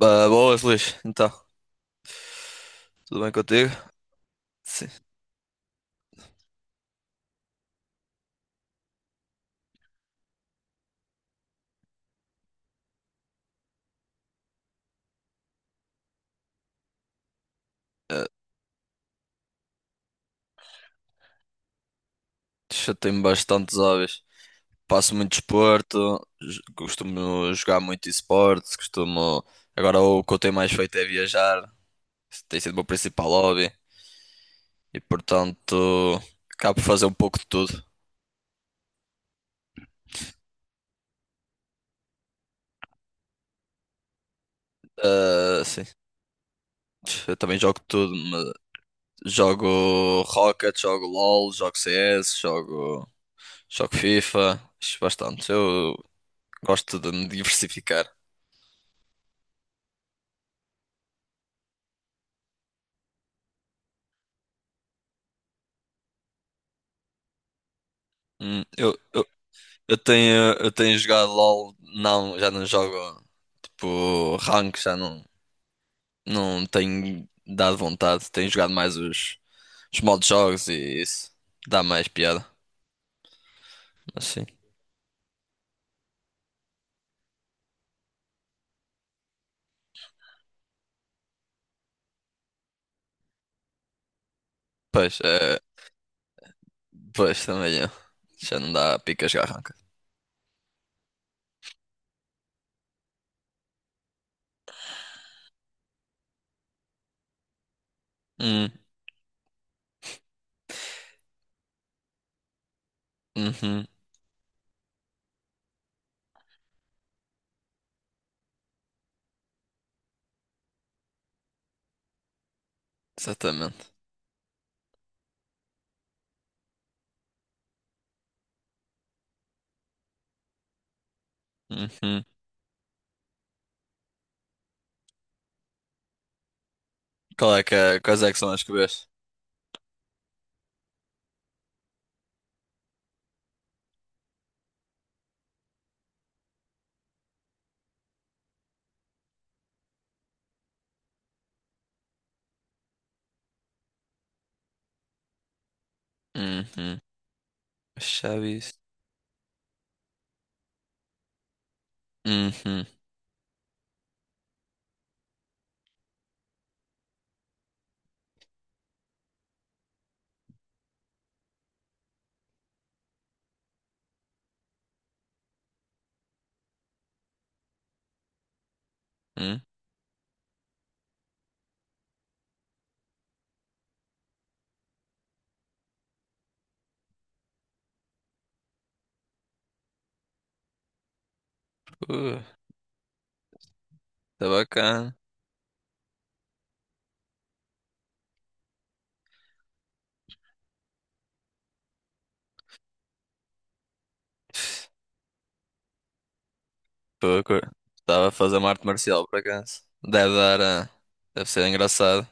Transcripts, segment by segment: Ah, boas, Luís. Então, tudo bem contigo? Sim. Ah, chatei-me bastante os hobbies. Passo muito desporto, costumo jogar muito esportes, costumo. Agora o que eu tenho mais feito é viajar. Isso tem sido o meu principal hobby. E, portanto, acabo por fazer um pouco de tudo. Ah, sim. Eu também jogo tudo, mas jogo Rocket, jogo LoL, jogo CS, jogo FIFA. Acho bastante. Eu gosto de me diversificar. Hum, eu, eu tenho jogado LOL, não, já não jogo tipo rank, já não, não tenho dado vontade. Tenho jogado mais os modos de jogos e isso. Dá mais piada, mas sim. Pois, é, pois também é. Já não dá pica jogar rank. Hum, uhum, exatamente. Uhum. Qual é que é, quais é que são as que vês? Uhum. Chaves. Uhum. Uhum. Uh, tá bacana. Pô, estava a fazer uma arte marcial por acaso. Deve dar. Deve ser engraçado.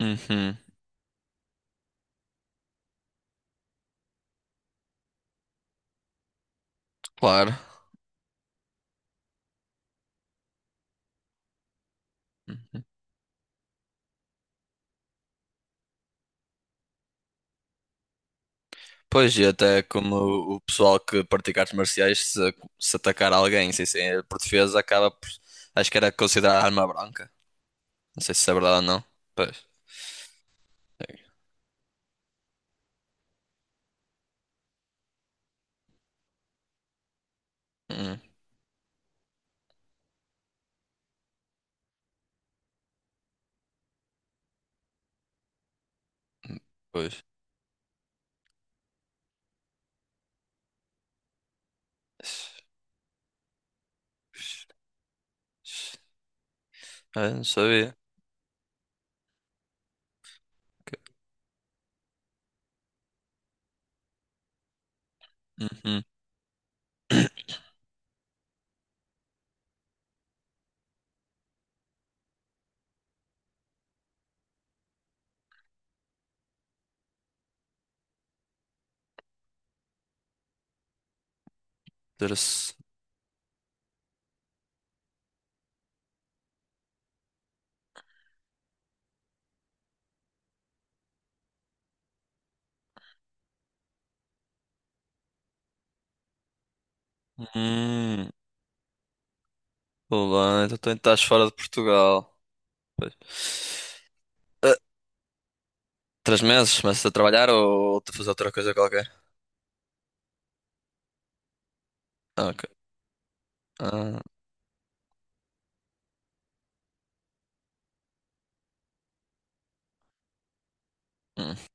Uhum, claro. Uhum. Pois, e até como o pessoal que pratica artes marciais, se atacar alguém sem ser por defesa, acaba por. Acho que era considerada arma branca. Não sei se é verdade ou não. Pois. Uhum. Pois. Ah, não sabia. Ok. Uhum. Interessante. Hum, olá, então tu estás fora de Portugal. Pois. 3 meses? Mas a trabalhar ou a fazer outra coisa qualquer? Ah, ok. Ah, hum.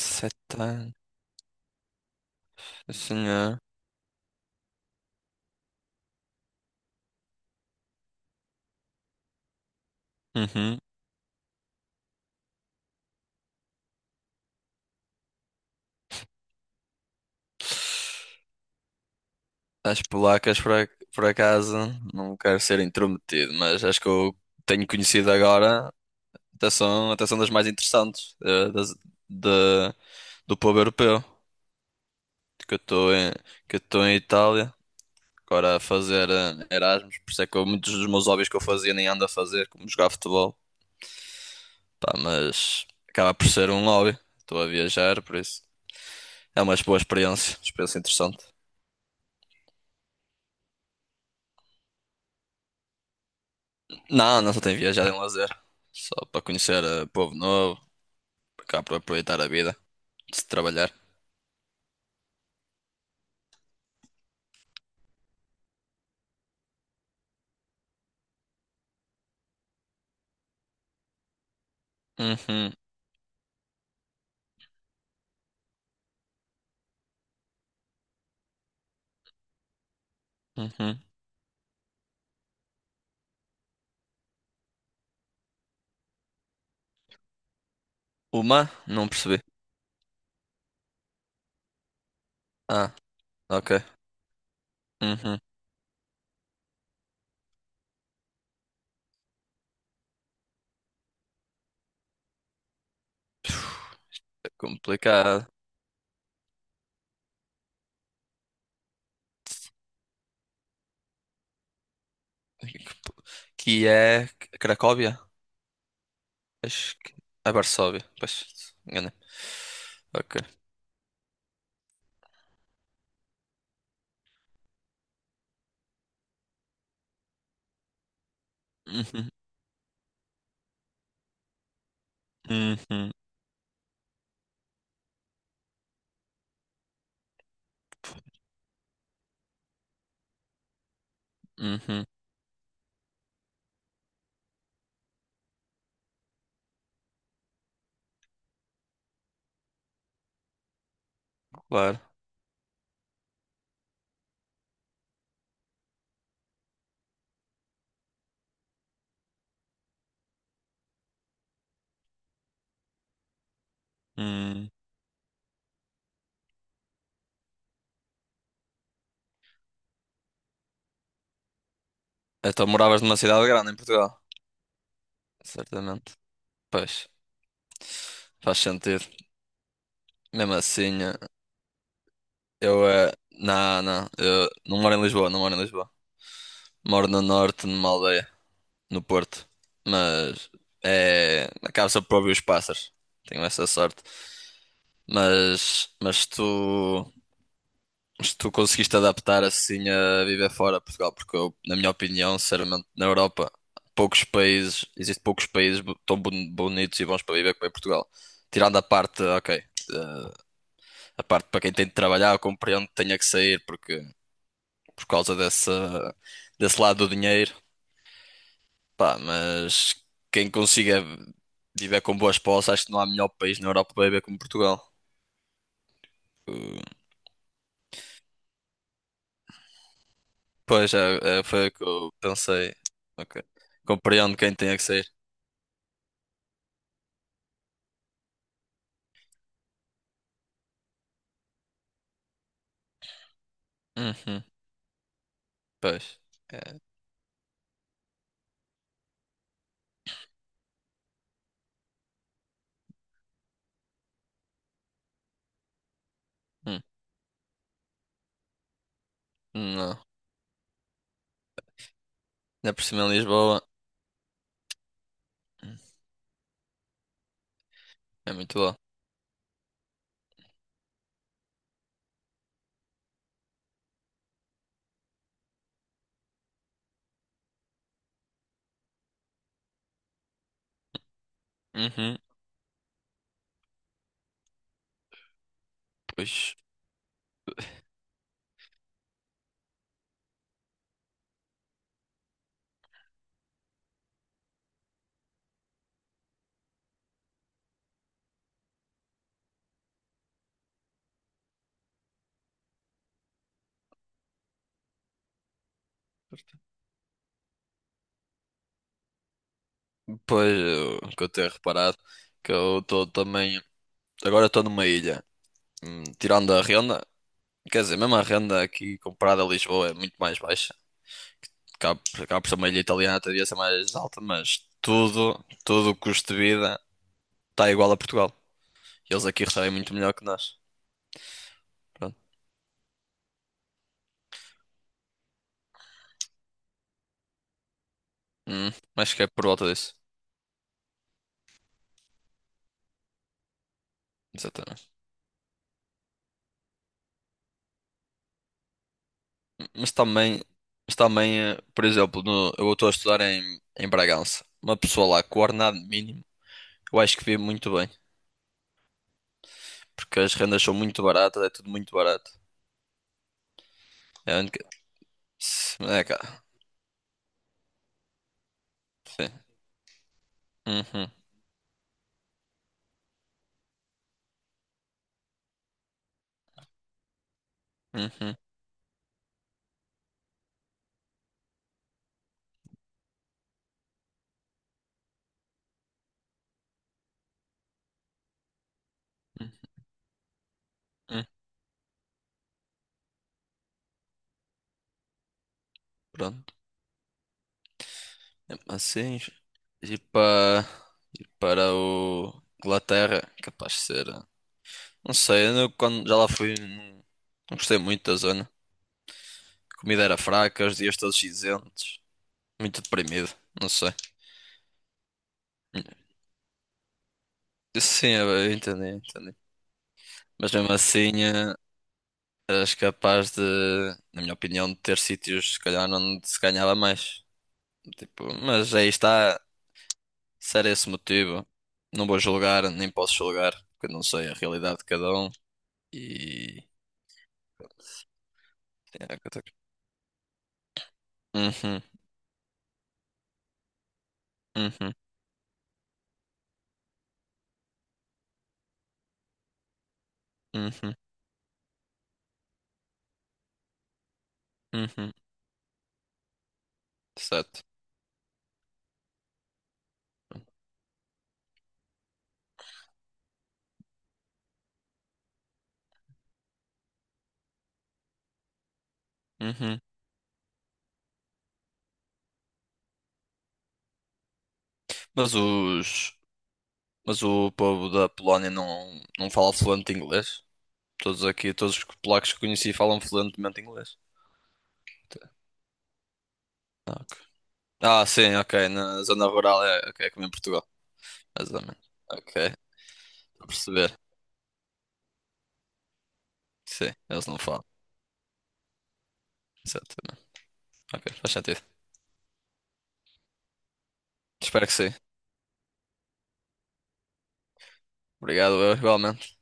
7 anos. Senhor. Uhum. As polacas, por acaso, não quero ser intrometido, mas acho que eu tenho conhecido agora, até são das mais interessantes da- do povo europeu, que eu estou em, que eu estou em Itália, agora a fazer Erasmus, por isso é que muitos dos meus hobbies que eu fazia nem ando a fazer, como jogar futebol. Pá, mas acaba por ser um hobby. Estou a viajar, por isso. É uma boa experiência, experiência interessante. Não, não só tenho viajado em lazer. Só para conhecer povo novo, cá para aproveitar a vida, de se trabalhar. Uhum, uhum. Uma? Não percebi. Ah, ok. Uhum. É complicado. Que é Cracóvia? Acho que é Varsóvia. Pois, enganei. Ok. Uhum, uhum, uhum. Claro. Hum. Então moravas numa cidade grande em Portugal? Certamente. Pois, faz sentido. Mesmo assim, eu é. Não, não, eu não moro em Lisboa, não moro em Lisboa. Moro no norte, numa aldeia, no Porto. Mas é. Acaba-se por ouvir os pássaros. Tenho essa sorte. Mas se tu conseguiste adaptar assim a viver fora de Portugal, porque eu, na minha opinião, sinceramente, na Europa, poucos países, existem poucos países tão bonitos e bons para viver como é Portugal. Tirando a parte, ok. eh, A parte para quem tem de trabalhar, eu compreendo que tenha que sair porque, por causa dessa, desse lado do dinheiro. Pá, mas quem consiga viver com boas posses, acho que não há melhor país na Europa para viver como Portugal. Uh, Pois, é, foi o que eu pensei. Ok. Compreendo quem tenha que sair. Uhum, pois. É, hum, não. Ainda por cima em Lisboa. hum, É muito bom. Uhum, pois. Pois, eu, que eu tenho reparado que eu estou também. Agora estou numa ilha. Tirando a renda, quer dizer, mesmo a renda aqui comparada a Lisboa é muito mais baixa. Cá por ser uma ilha italiana, devia ser mais alta, mas tudo o custo de vida está igual a Portugal. Eles aqui recebem muito melhor que nós. Pronto. Acho que é por volta disso. Exatamente. Mas também, mas também, por exemplo, eu estou a estudar em, Bragança. Uma pessoa lá com o ordenado mínimo, eu acho que vive muito bem. Porque as rendas são muito baratas, é tudo muito barato. É a única. É, cara. Sim. Uhum, uhum. Hum, pronto. É, assim, ir para, ir para o Inglaterra, capaz de ser. Não sei, eu não- quando já lá fui, não, não gostei muito da zona. A comida era fraca, os dias todos cinzentos, muito deprimido, não sei. Hum, Sim, eu entendi, entendi. Mas mesmo assim, eras capaz de, na minha opinião, de ter sítios, se calhar, onde se ganhava mais. Tipo, mas aí está. Se era esse o motivo, não vou julgar, nem posso julgar, porque eu não sei a realidade de cada um. E. Era o que eu tenho. Uhum, uhum, uhum, uhum, certo. Uhum. Mas os. Mas o povo da Polónia não fala fluente inglês? Todos aqui, todos os polacos que conheci falam fluentemente inglês. Ah, ok. Ah, sim, ok. Na zona rural é, ok, é como em Portugal. Exatamente. Ok, estou a perceber. Sim, eles não falam. Exatamente. Ok, faz sentido. Espero que sim. Obrigado, eu igualmente.